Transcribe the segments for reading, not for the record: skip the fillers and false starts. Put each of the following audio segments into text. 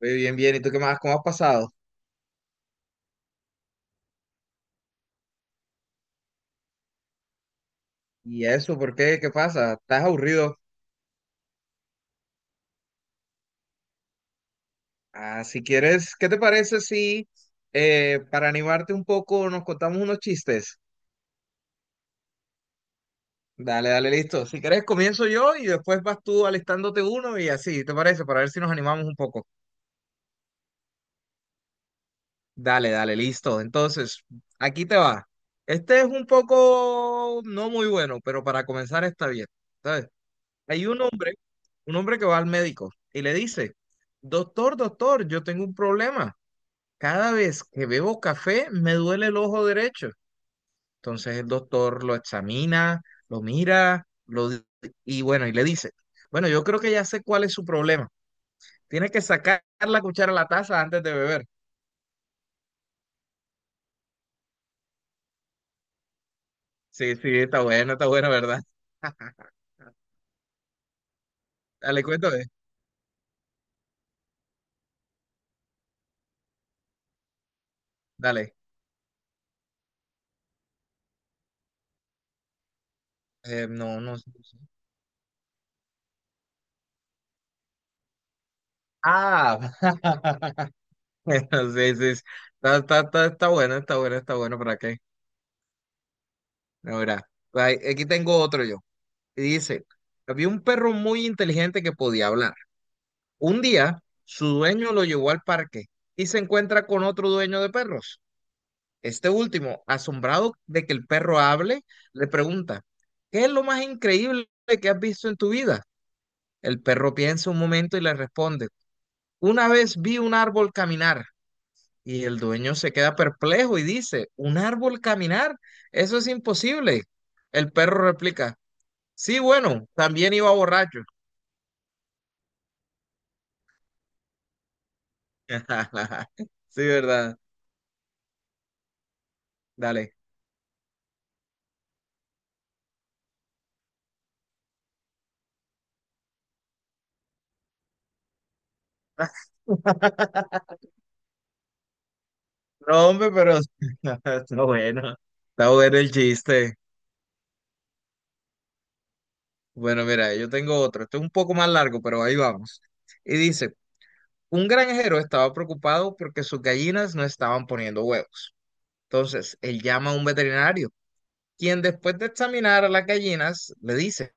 Muy bien, bien. ¿Y tú qué más? ¿Cómo has pasado? ¿Y eso? ¿Por qué? ¿Qué pasa? ¿Estás aburrido? Ah, si quieres, ¿qué te parece si para animarte un poco nos contamos unos chistes? Dale, dale, listo. Si quieres, comienzo yo y después vas tú alistándote uno y así, ¿te parece? Para ver si nos animamos un poco. Dale, dale, listo. Entonces, aquí te va. Este es un poco no muy bueno, pero para comenzar está bien. ¿Sabes? Hay un hombre que va al médico y le dice, doctor, doctor, yo tengo un problema. Cada vez que bebo café me duele el ojo derecho. Entonces el doctor lo examina, lo mira, y bueno, y le dice, bueno, yo creo que ya sé cuál es su problema. Tiene que sacar la cuchara a la taza antes de beber. Sí, sí, está bueno, ¿verdad? Dale, cuéntame. Dale. No, no sé. Ah, bueno, sí, sí. Sí. Está, está, está, está bueno, está bueno, está bueno, ¿para qué? No, mira, aquí tengo otro yo. Y dice, había un perro muy inteligente que podía hablar. Un día, su dueño lo llevó al parque y se encuentra con otro dueño de perros. Este último, asombrado de que el perro hable, le pregunta, ¿qué es lo más increíble que has visto en tu vida? El perro piensa un momento y le responde, una vez vi un árbol caminar. Y el dueño se queda perplejo y dice, ¿un árbol caminar? Eso es imposible. El perro replica, sí, bueno, también iba borracho. Sí, verdad. Dale. No, hombre, pero está bueno. Está bueno el chiste. Bueno, mira, yo tengo otro. Esto es un poco más largo, pero ahí vamos. Y dice, un granjero estaba preocupado porque sus gallinas no estaban poniendo huevos. Entonces, él llama a un veterinario, quien después de examinar a las gallinas le dice,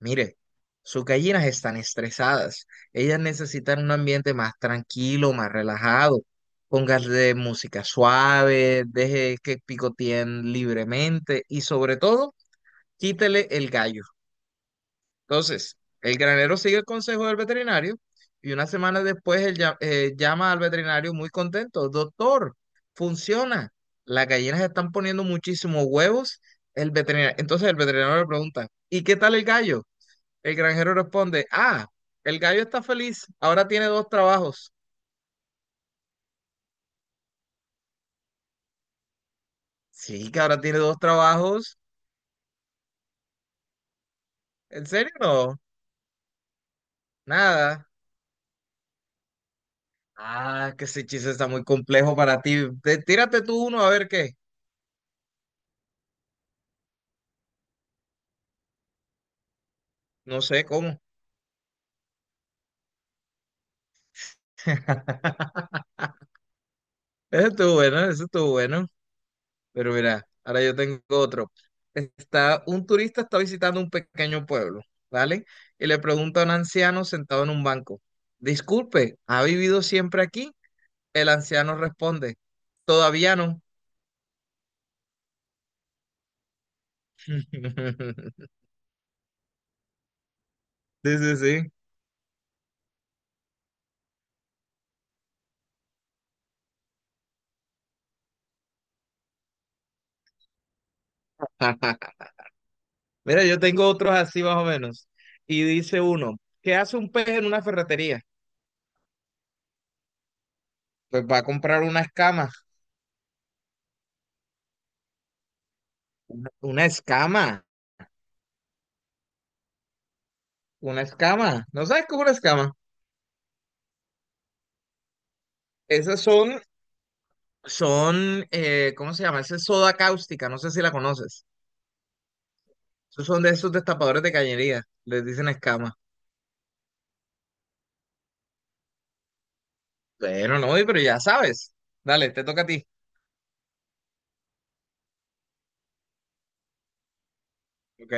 mire, sus gallinas están estresadas, ellas necesitan un ambiente más tranquilo, más relajado, póngale música suave, deje que picoteen libremente y sobre todo, quítele el gallo. Entonces, el granero sigue el consejo del veterinario y una semana después llama al veterinario muy contento. Doctor, funciona. Las gallinas están poniendo muchísimos huevos. Entonces el veterinario le pregunta, ¿y qué tal el gallo? El granjero responde, ah, el gallo está feliz. Ahora tiene dos trabajos. Sí, que ahora tiene dos trabajos. ¿En serio? No, nada. Ah, que ese chiste está muy complejo para ti. Tírate tú uno a ver qué. No sé cómo. Eso estuvo bueno, eso estuvo bueno. Pero mira, ahora yo tengo otro. Está, un turista está visitando un pequeño pueblo, ¿vale? Y le pregunta a un anciano sentado en un banco, disculpe, ¿ha vivido siempre aquí? El anciano responde, todavía no. Sí, sí, sí. Mira, yo tengo otros así más o menos. Y dice uno, ¿qué hace un pez en una ferretería? Pues va a comprar una escama. Una escama. Una escama. ¿No sabes cómo una escama? Esas son Son, ¿cómo se llama? Esa es soda cáustica, no sé si la conoces. Esos son de esos destapadores de cañería, les dicen escama. Bueno, no, pero ya sabes. Dale, te toca a ti. ¿Ok?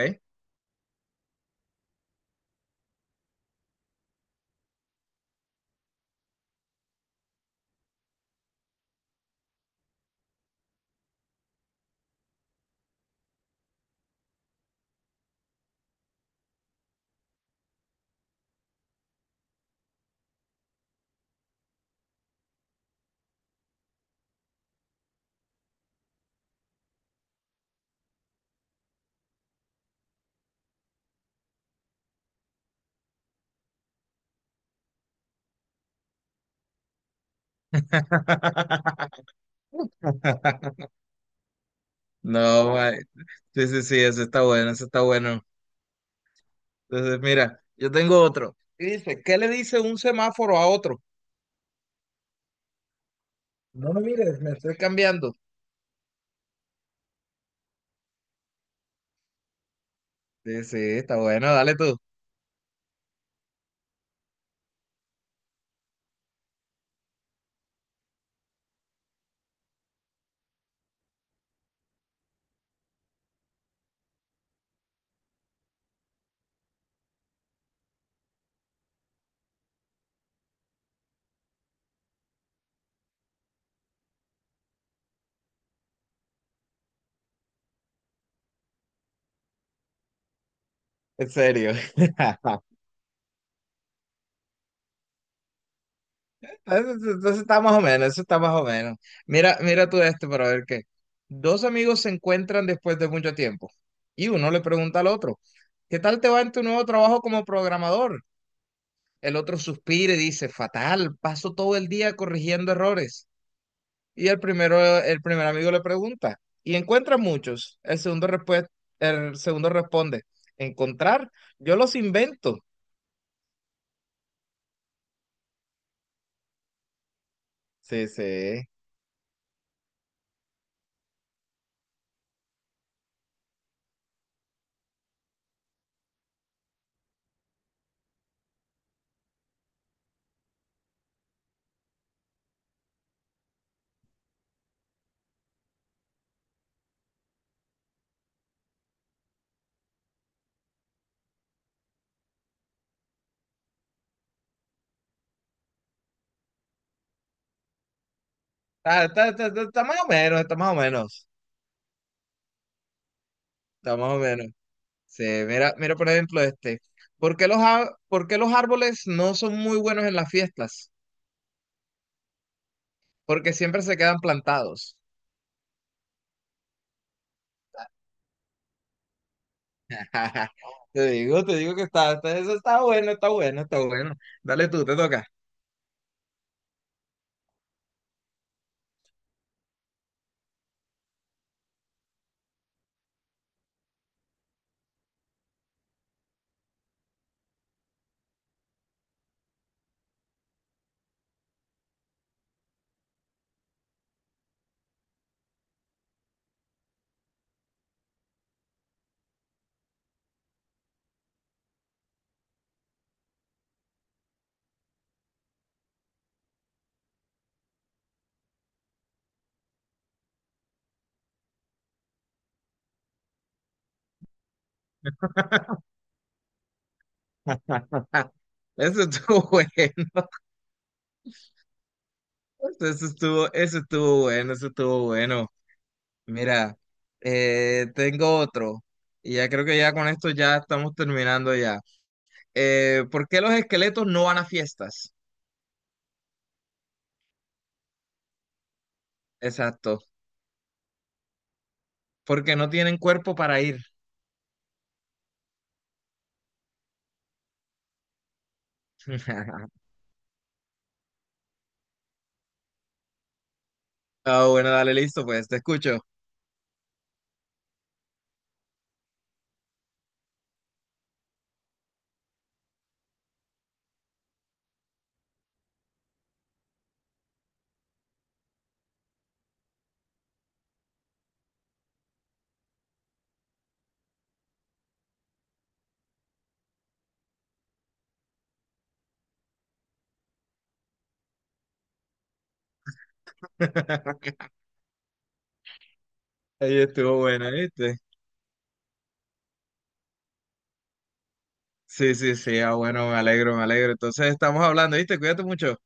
No, mae. Sí, sí, sí, eso está bueno, eso está bueno. Entonces, mira, yo tengo otro. Y dice, ¿qué le dice un semáforo a otro? No me mires, me estoy cambiando. Sí, sí, está bueno, dale tú. En serio. Entonces está más o menos, eso está más o menos. Mira, mira tú este para ver qué. Dos amigos se encuentran después de mucho tiempo y uno le pregunta al otro, ¿qué tal te va en tu nuevo trabajo como programador? El otro suspira y dice, fatal, paso todo el día corrigiendo errores. Y el primero, el primer amigo le pregunta, ¿y encuentras muchos? El segundo responde, ¿encontrar? Yo los invento. Sí, sí. Está, está, está, está está más o menos, está más o menos, está más o menos. Sí, mira, mira por ejemplo este. ¿Por qué los árboles no son muy buenos en las fiestas? Porque siempre se quedan plantados. Te digo que eso está bueno, está bueno, está bueno. Dale tú, te toca. Eso estuvo bueno. Eso estuvo bueno, eso estuvo bueno. Mira, tengo otro. Y ya creo que ya con esto ya estamos terminando ya. ¿Por qué los esqueletos no van a fiestas? Exacto. Porque no tienen cuerpo para ir. Ah, bueno, dale, listo, pues te escucho. Ahí estuvo buena, ¿viste? Sí, sí, sí, ah, bueno, me alegro, me alegro. Entonces estamos hablando, ¿viste? Cuídate mucho.